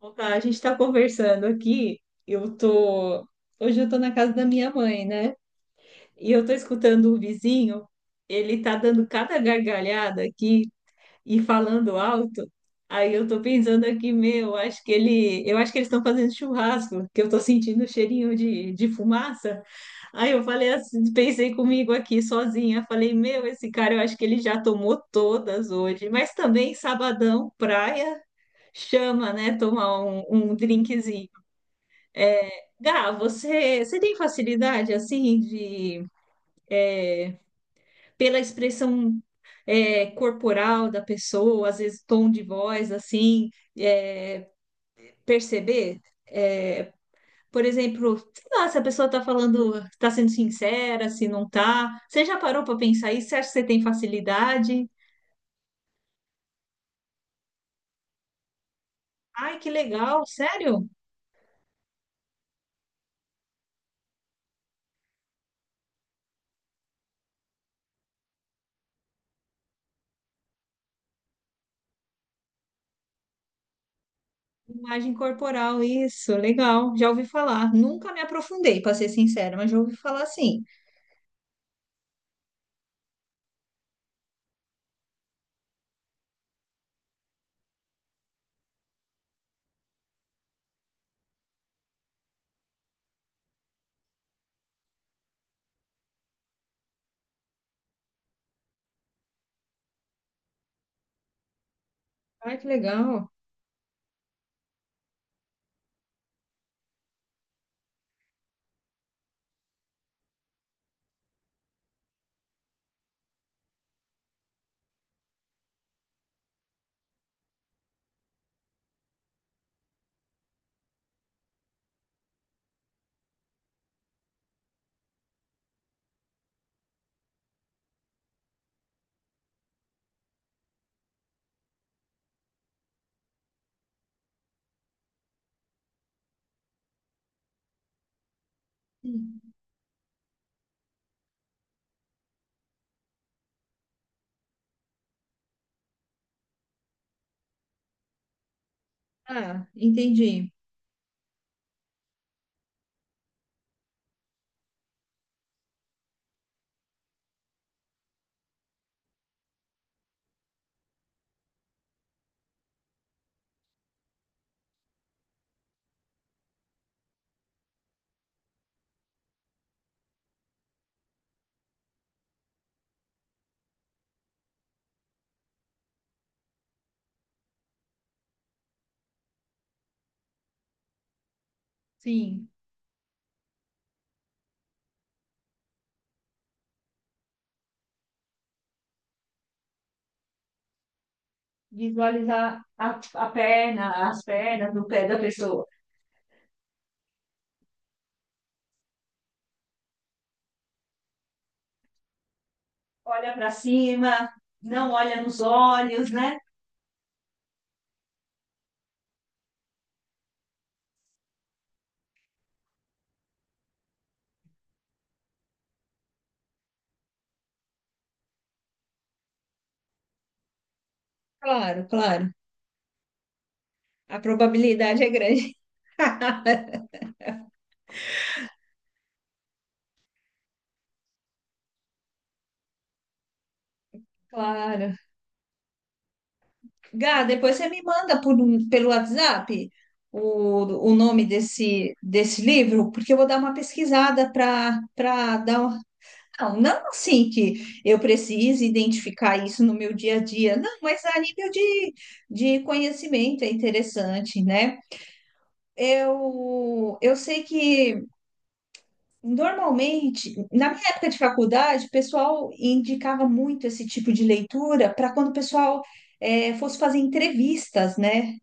Bom, tá, a gente está conversando aqui. Eu tô. Hoje eu tô na casa da minha mãe, né? E eu tô escutando o vizinho. Ele tá dando cada gargalhada aqui e falando alto. Aí eu tô pensando aqui, meu, acho que ele. Eu acho que eles estão fazendo churrasco, que eu tô sentindo o cheirinho de fumaça. Aí eu falei assim, pensei comigo aqui sozinha. Falei, meu, esse cara, eu acho que ele já tomou todas hoje. Mas também sabadão, praia chama, né? Tomar um, um drinkzinho. Gá, você tem facilidade, assim, de, pela expressão corporal da pessoa, às vezes tom de voz, assim, é, perceber? É, por exemplo, sei lá, se a pessoa está falando, está sendo sincera, se não está. Você já parou para pensar isso? Você acha que você tem facilidade? Ai, que legal, sério? Imagem corporal, isso, legal. Já ouvi falar. Nunca me aprofundei, para ser sincera, mas já ouvi falar sim. Ai, que legal. Hum. Ah, entendi. Sim, visualizar a perna, as pernas do pé da pessoa. Olha para cima, não olha nos olhos, né? Claro, claro. A probabilidade é grande. Claro. Gá, depois você me manda pelo WhatsApp o nome desse, desse livro, porque eu vou dar uma pesquisada para dar. Uma- Não, não assim que eu precise identificar isso no meu dia a dia, não, mas a nível de conhecimento é interessante, né? Eu sei que normalmente, na minha época de faculdade, o pessoal indicava muito esse tipo de leitura para quando o pessoal fosse fazer entrevistas, né?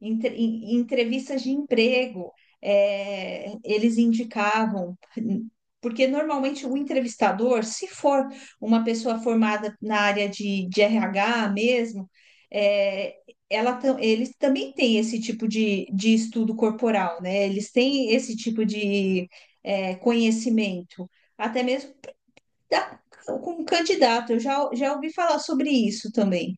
Em entrevistas de emprego, é, eles indicavam, porque normalmente o entrevistador, se for uma pessoa formada na área de RH mesmo, é, ela, eles também têm esse tipo de estudo corporal, né? Eles têm esse tipo de é, conhecimento, até mesmo da- com um candidato. Eu já ouvi falar sobre isso também.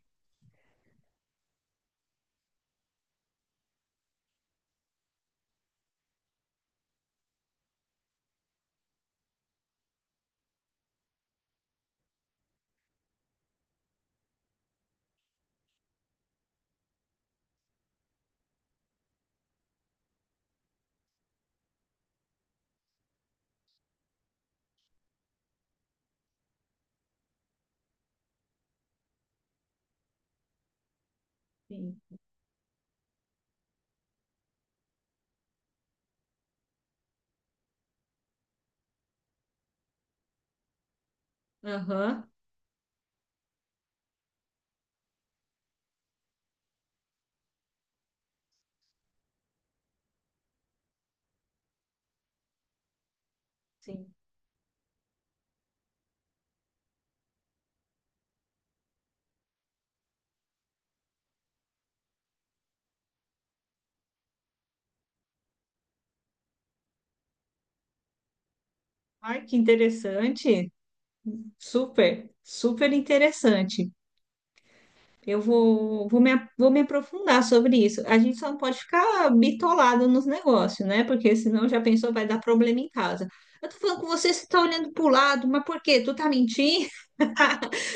Sim. Aham, sim. Ai, que interessante. Super interessante. Eu vou, vou me aprofundar sobre isso. A gente só não pode ficar bitolado nos negócios, né? Porque senão já pensou, vai dar problema em casa. Eu tô falando com você, você tá olhando pro lado, mas por quê? Tu tá mentindo?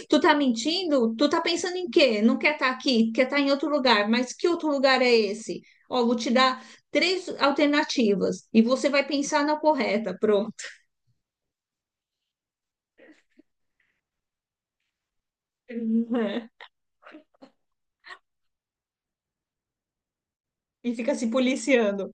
Tu tá mentindo? Tu tá pensando em quê? Não quer estar aqui, quer estar em outro lugar, mas que outro lugar é esse? Ó, vou te dar três alternativas e você vai pensar na correta, pronto. E fica se policiando.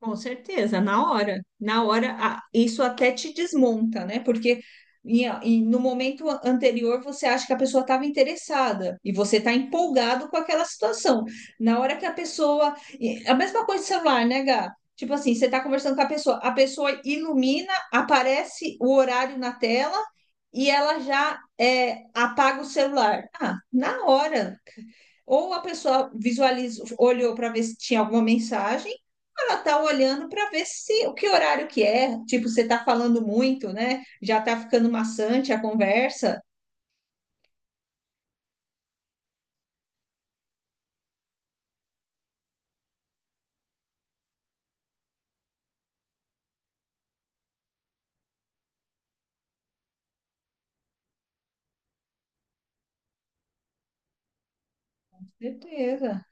Com certeza, isso até te desmonta, né? Porque no momento anterior você acha que a pessoa estava interessada e você está empolgado com aquela situação. Na hora que a pessoa. E A mesma coisa de celular, né, Gá? Tipo assim, você está conversando com a pessoa ilumina, aparece o horário na tela e ela já apaga o celular. Ah, na hora. Ou a pessoa visualizou, olhou para ver se tinha alguma mensagem ela tá olhando para ver se o que horário que é, tipo, você tá falando muito, né? Já tá ficando maçante a conversa. Certeza.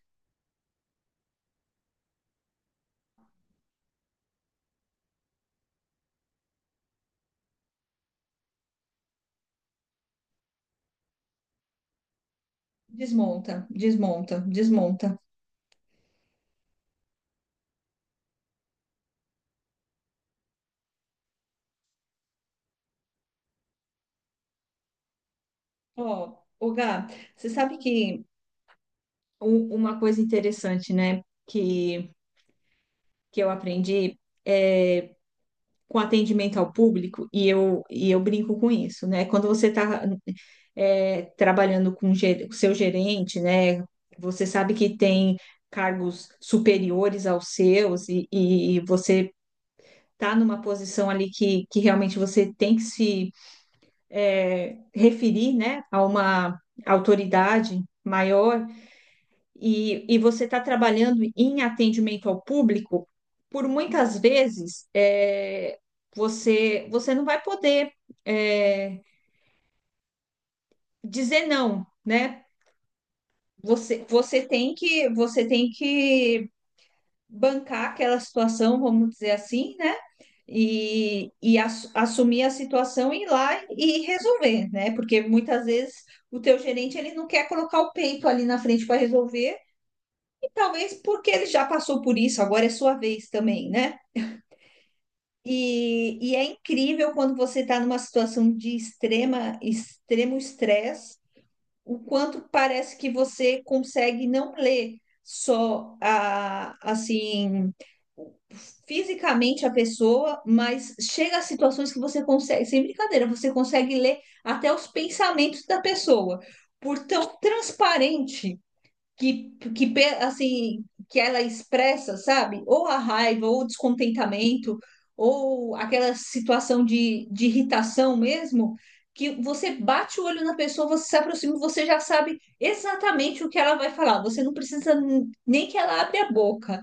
Desmonta. Ó, ô Gá, você sabe que uma coisa interessante, né, que eu aprendi é com atendimento ao público, e eu brinco com isso, né? Quando você está trabalhando com o seu gerente, né? Você sabe que tem cargos superiores aos seus e você está numa posição ali que realmente você tem que se é, referir, né, a uma autoridade maior, e você está trabalhando em atendimento ao público, por muitas vezes é, você não vai poder é, dizer não, né? Você tem que você tem que bancar aquela situação, vamos dizer assim, né? E assumir a situação e ir lá e resolver, né? Porque muitas vezes o teu gerente ele não quer colocar o peito ali na frente para resolver. Talvez porque ele já passou por isso, agora é sua vez também, né? E é incrível quando você está numa situação de extremo estresse, o quanto parece que você consegue não ler só a, assim fisicamente a pessoa, mas chega a situações que você consegue, sem brincadeira, você consegue ler até os pensamentos da pessoa, por tão transparente que, assim que ela expressa, sabe? Ou a raiva, ou o descontentamento, ou aquela situação de irritação mesmo, que você bate o olho na pessoa, você se aproxima, você já sabe exatamente o que ela vai falar. Você não precisa nem que ela abra a boca.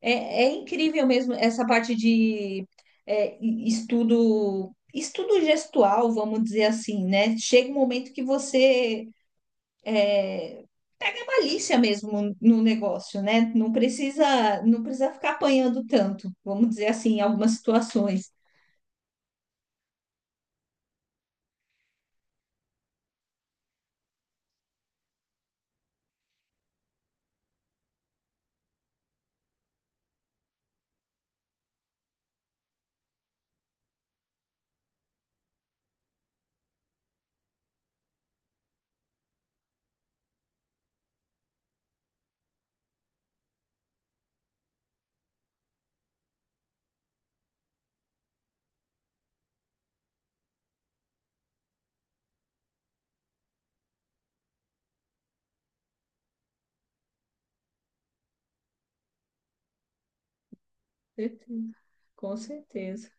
É incrível mesmo essa parte de estudo. Estudo gestual, vamos dizer assim, né? Chega um momento que você pega malícia mesmo no negócio, né? Não precisa ficar apanhando tanto, vamos dizer assim, em algumas situações. Certeza. Com certeza.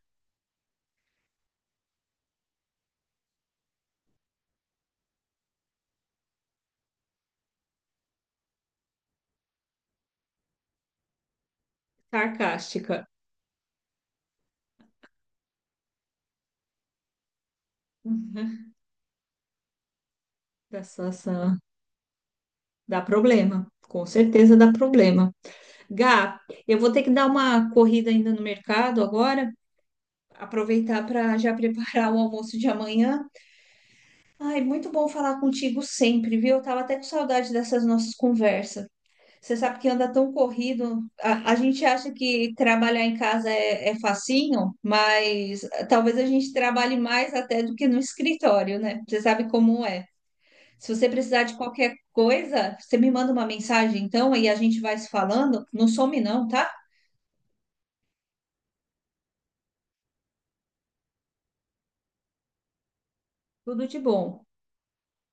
Sarcástica. Uhum. Da situação. Dá problema. Com certeza dá problema. Gá, eu vou ter que dar uma corrida ainda no mercado agora, aproveitar para já preparar o almoço de amanhã. Ai, muito bom falar contigo sempre, viu? Eu tava até com saudade dessas nossas conversas. Você sabe que anda tão corrido. A gente acha que trabalhar em casa é facinho, mas talvez a gente trabalhe mais até do que no escritório, né? Você sabe como é. Se você precisar de qualquer coisa, você me manda uma mensagem então e a gente vai se falando. Não some não, tá? Tudo de bom.